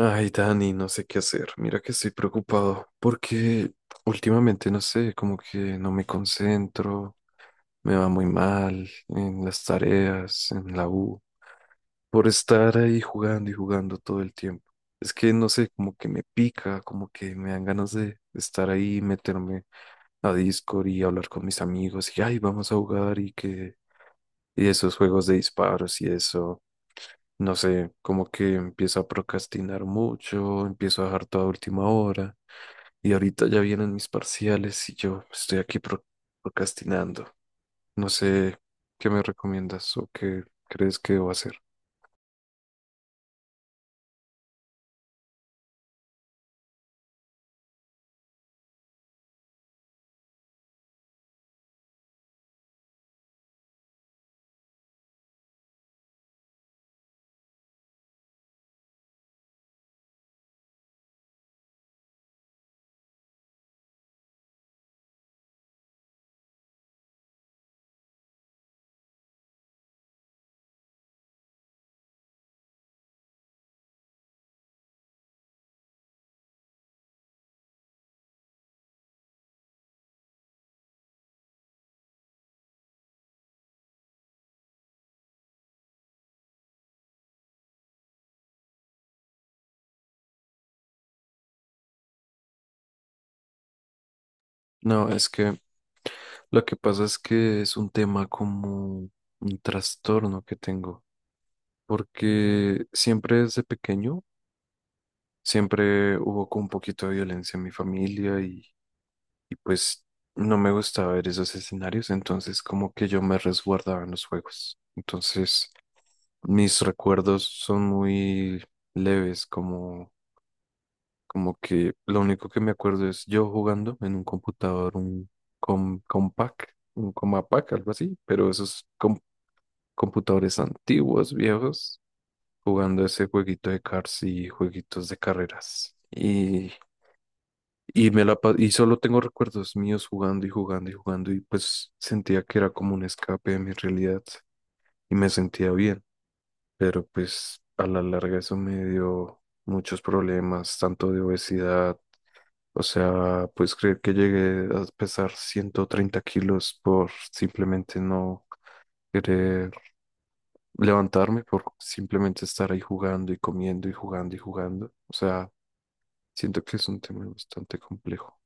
Ay, Dani, no sé qué hacer. Mira que estoy preocupado porque últimamente, no sé, como que no me concentro, me va muy mal en las tareas, en la U, por estar ahí jugando y jugando todo el tiempo. Es que, no sé, como que me pica, como que me dan ganas de estar ahí, meterme a Discord y hablar con mis amigos y, ay, vamos a jugar y esos juegos de disparos y eso, no sé, como que empiezo a procrastinar mucho, empiezo a dejar toda última hora y ahorita ya vienen mis parciales y yo estoy aquí procrastinando. No sé qué me recomiendas o qué crees que debo hacer. No, es que lo que pasa es que es un tema como un trastorno que tengo, porque siempre desde pequeño, siempre hubo como un poquito de violencia en mi familia y pues no me gustaba ver esos escenarios, entonces como que yo me resguardaba en los juegos. Entonces mis recuerdos son muy leves, como, como que lo único que me acuerdo es yo jugando en un computador, un compact, un Compact, algo así, pero esos computadores antiguos, viejos, jugando ese jueguito de cars y jueguitos de carreras. Y solo tengo recuerdos míos jugando y jugando y jugando y pues sentía que era como un escape de mi realidad y me sentía bien, pero pues a la larga eso me dio muchos problemas, tanto de obesidad, o sea, pues creer que llegué a pesar 130 kilos por simplemente no querer levantarme, por simplemente estar ahí jugando y comiendo y jugando, o sea, siento que es un tema bastante complejo.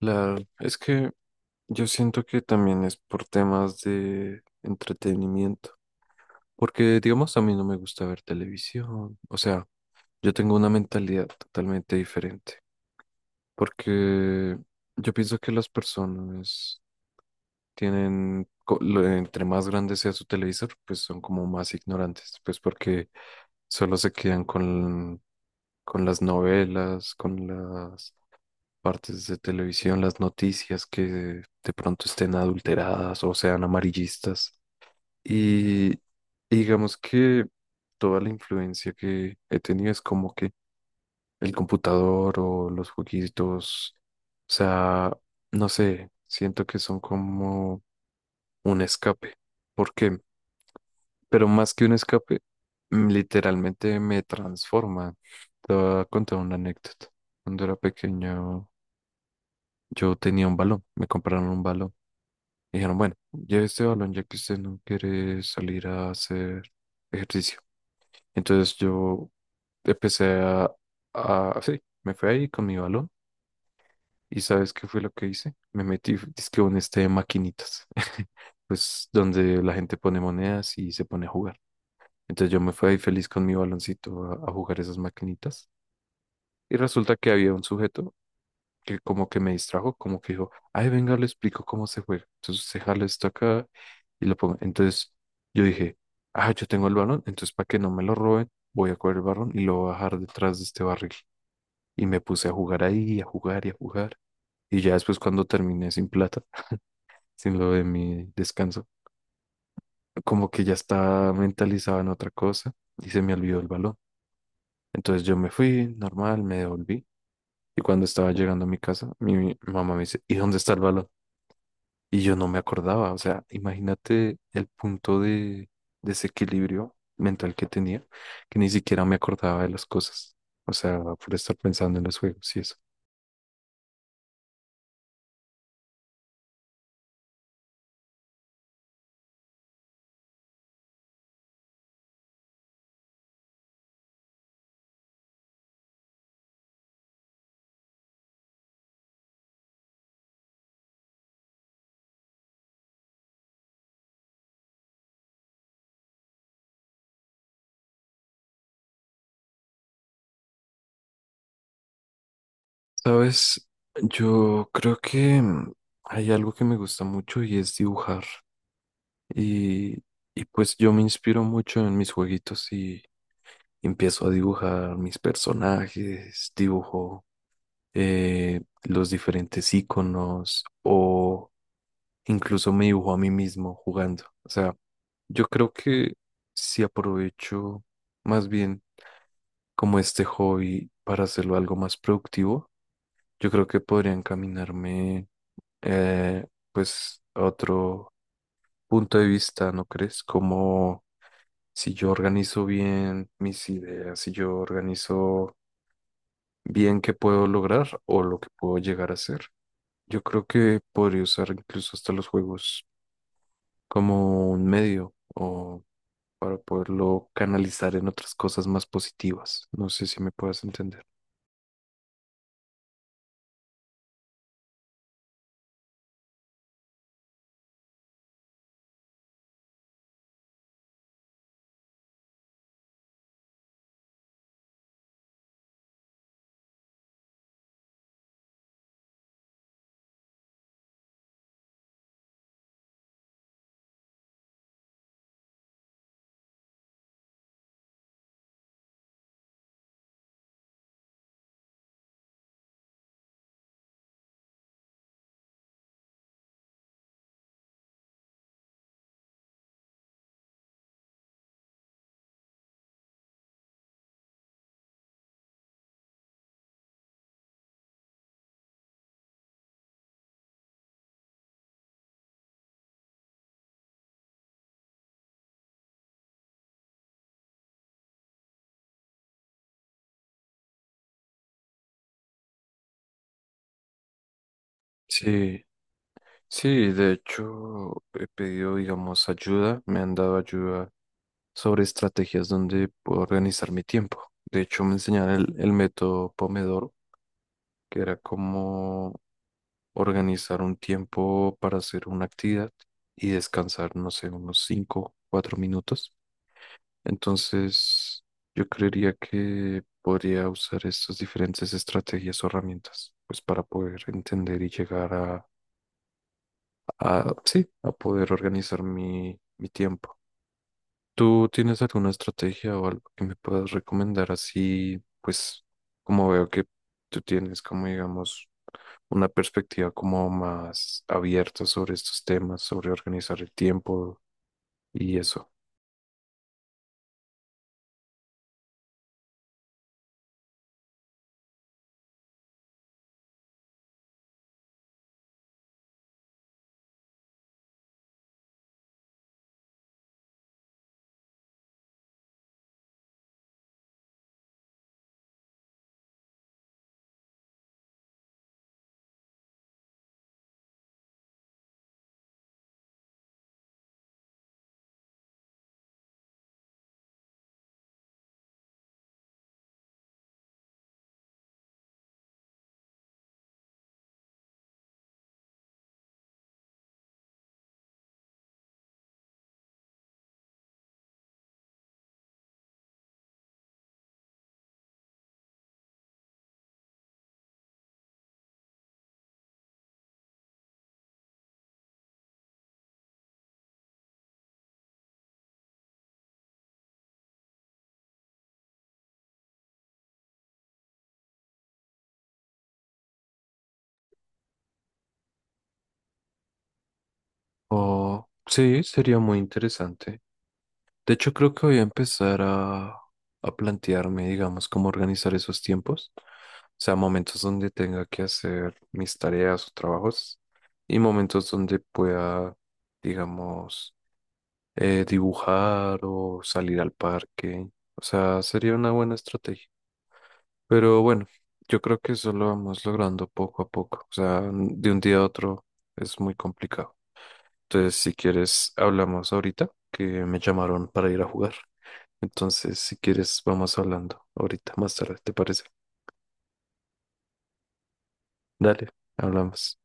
Es que yo siento que también es por temas de entretenimiento, porque digamos a mí no me gusta ver televisión, o sea, yo tengo una mentalidad totalmente diferente, porque yo pienso que las personas tienen, entre más grande sea su televisor, pues son como más ignorantes, pues porque solo se quedan con las novelas, con las partes de televisión, las noticias que de pronto estén adulteradas o sean amarillistas. Y digamos que toda la influencia que he tenido es como que el computador o los jueguitos, o sea, no sé, siento que son como un escape. ¿Por qué? Pero más que un escape, literalmente me transforma. Te voy a contar una anécdota. Cuando era pequeño, yo tenía un balón, me compraron un balón. Y dijeron, bueno, lleve este balón ya que usted no quiere salir a hacer ejercicio. Entonces yo empecé sí, me fui ahí con mi balón y ¿sabes qué fue lo que hice? Me metí, dizque en este de maquinitas, pues donde la gente pone monedas y se pone a jugar. Entonces yo me fui ahí feliz con mi baloncito a jugar esas maquinitas y resulta que había un sujeto que como que me distrajo, como que dijo, ay, venga, le explico cómo se juega. Entonces se jala esto acá y lo pongo. Entonces yo dije, ah, yo tengo el balón, entonces para que no me lo roben, voy a coger el balón y lo voy a bajar detrás de este barril. Y me puse a jugar ahí, a jugar. Y ya después cuando terminé sin plata, sin lo de mi descanso, como que ya estaba mentalizado en otra cosa y se me olvidó el balón. Entonces yo me fui, normal, me devolví. Y cuando estaba llegando a mi casa, mi mamá me dice, ¿y dónde está el balón? Y yo no me acordaba, o sea, imagínate el punto de desequilibrio mental que tenía, que ni siquiera me acordaba de las cosas, o sea, por estar pensando en los juegos y eso. Sabes, yo creo que mm, hay algo que me gusta mucho y es dibujar. Y, y pues yo me inspiro mucho en mis jueguitos y empiezo a dibujar mis personajes, dibujo los diferentes iconos o incluso me dibujo a mí mismo jugando. O sea, yo creo que si aprovecho más bien como este hobby para hacerlo algo más productivo, yo creo que podría encaminarme eh, pues a otro punto de vista, ¿no crees? Como si yo organizo bien mis ideas, si yo organizo bien qué puedo lograr o lo que puedo llegar a hacer. Yo creo que podría usar incluso hasta los juegos como un medio o para poderlo canalizar en otras cosas más positivas. No sé si me puedas entender. Sí, sí, de hecho he pedido, digamos, ayuda, me han dado ayuda sobre estrategias donde puedo organizar mi tiempo. De hecho, me enseñaron el método Pomodoro, que era como organizar un tiempo para hacer una actividad y descansar, no sé, unos 5, 4 minutos. Entonces, yo creería que podría usar estas diferentes estrategias o herramientas, pues para poder entender y llegar a sí, a poder organizar mi tiempo. ¿Tú tienes alguna estrategia o algo que me puedas recomendar así, pues como veo que tú tienes como digamos una perspectiva como más abierta sobre estos temas, sobre organizar el tiempo y eso? O sí, sería muy interesante. De hecho, creo que voy a empezar a plantearme, digamos, cómo organizar esos tiempos. O sea, momentos donde tenga que hacer mis tareas o trabajos y momentos donde pueda, digamos, dibujar o salir al parque. O sea, sería una buena estrategia. Pero bueno, yo creo que eso lo vamos logrando poco a poco. O sea, de un día a otro es muy complicado. Entonces, si quieres, hablamos ahorita, que me llamaron para ir a jugar. Entonces, si quieres, vamos hablando ahorita, más tarde, ¿te parece? Dale, hablamos.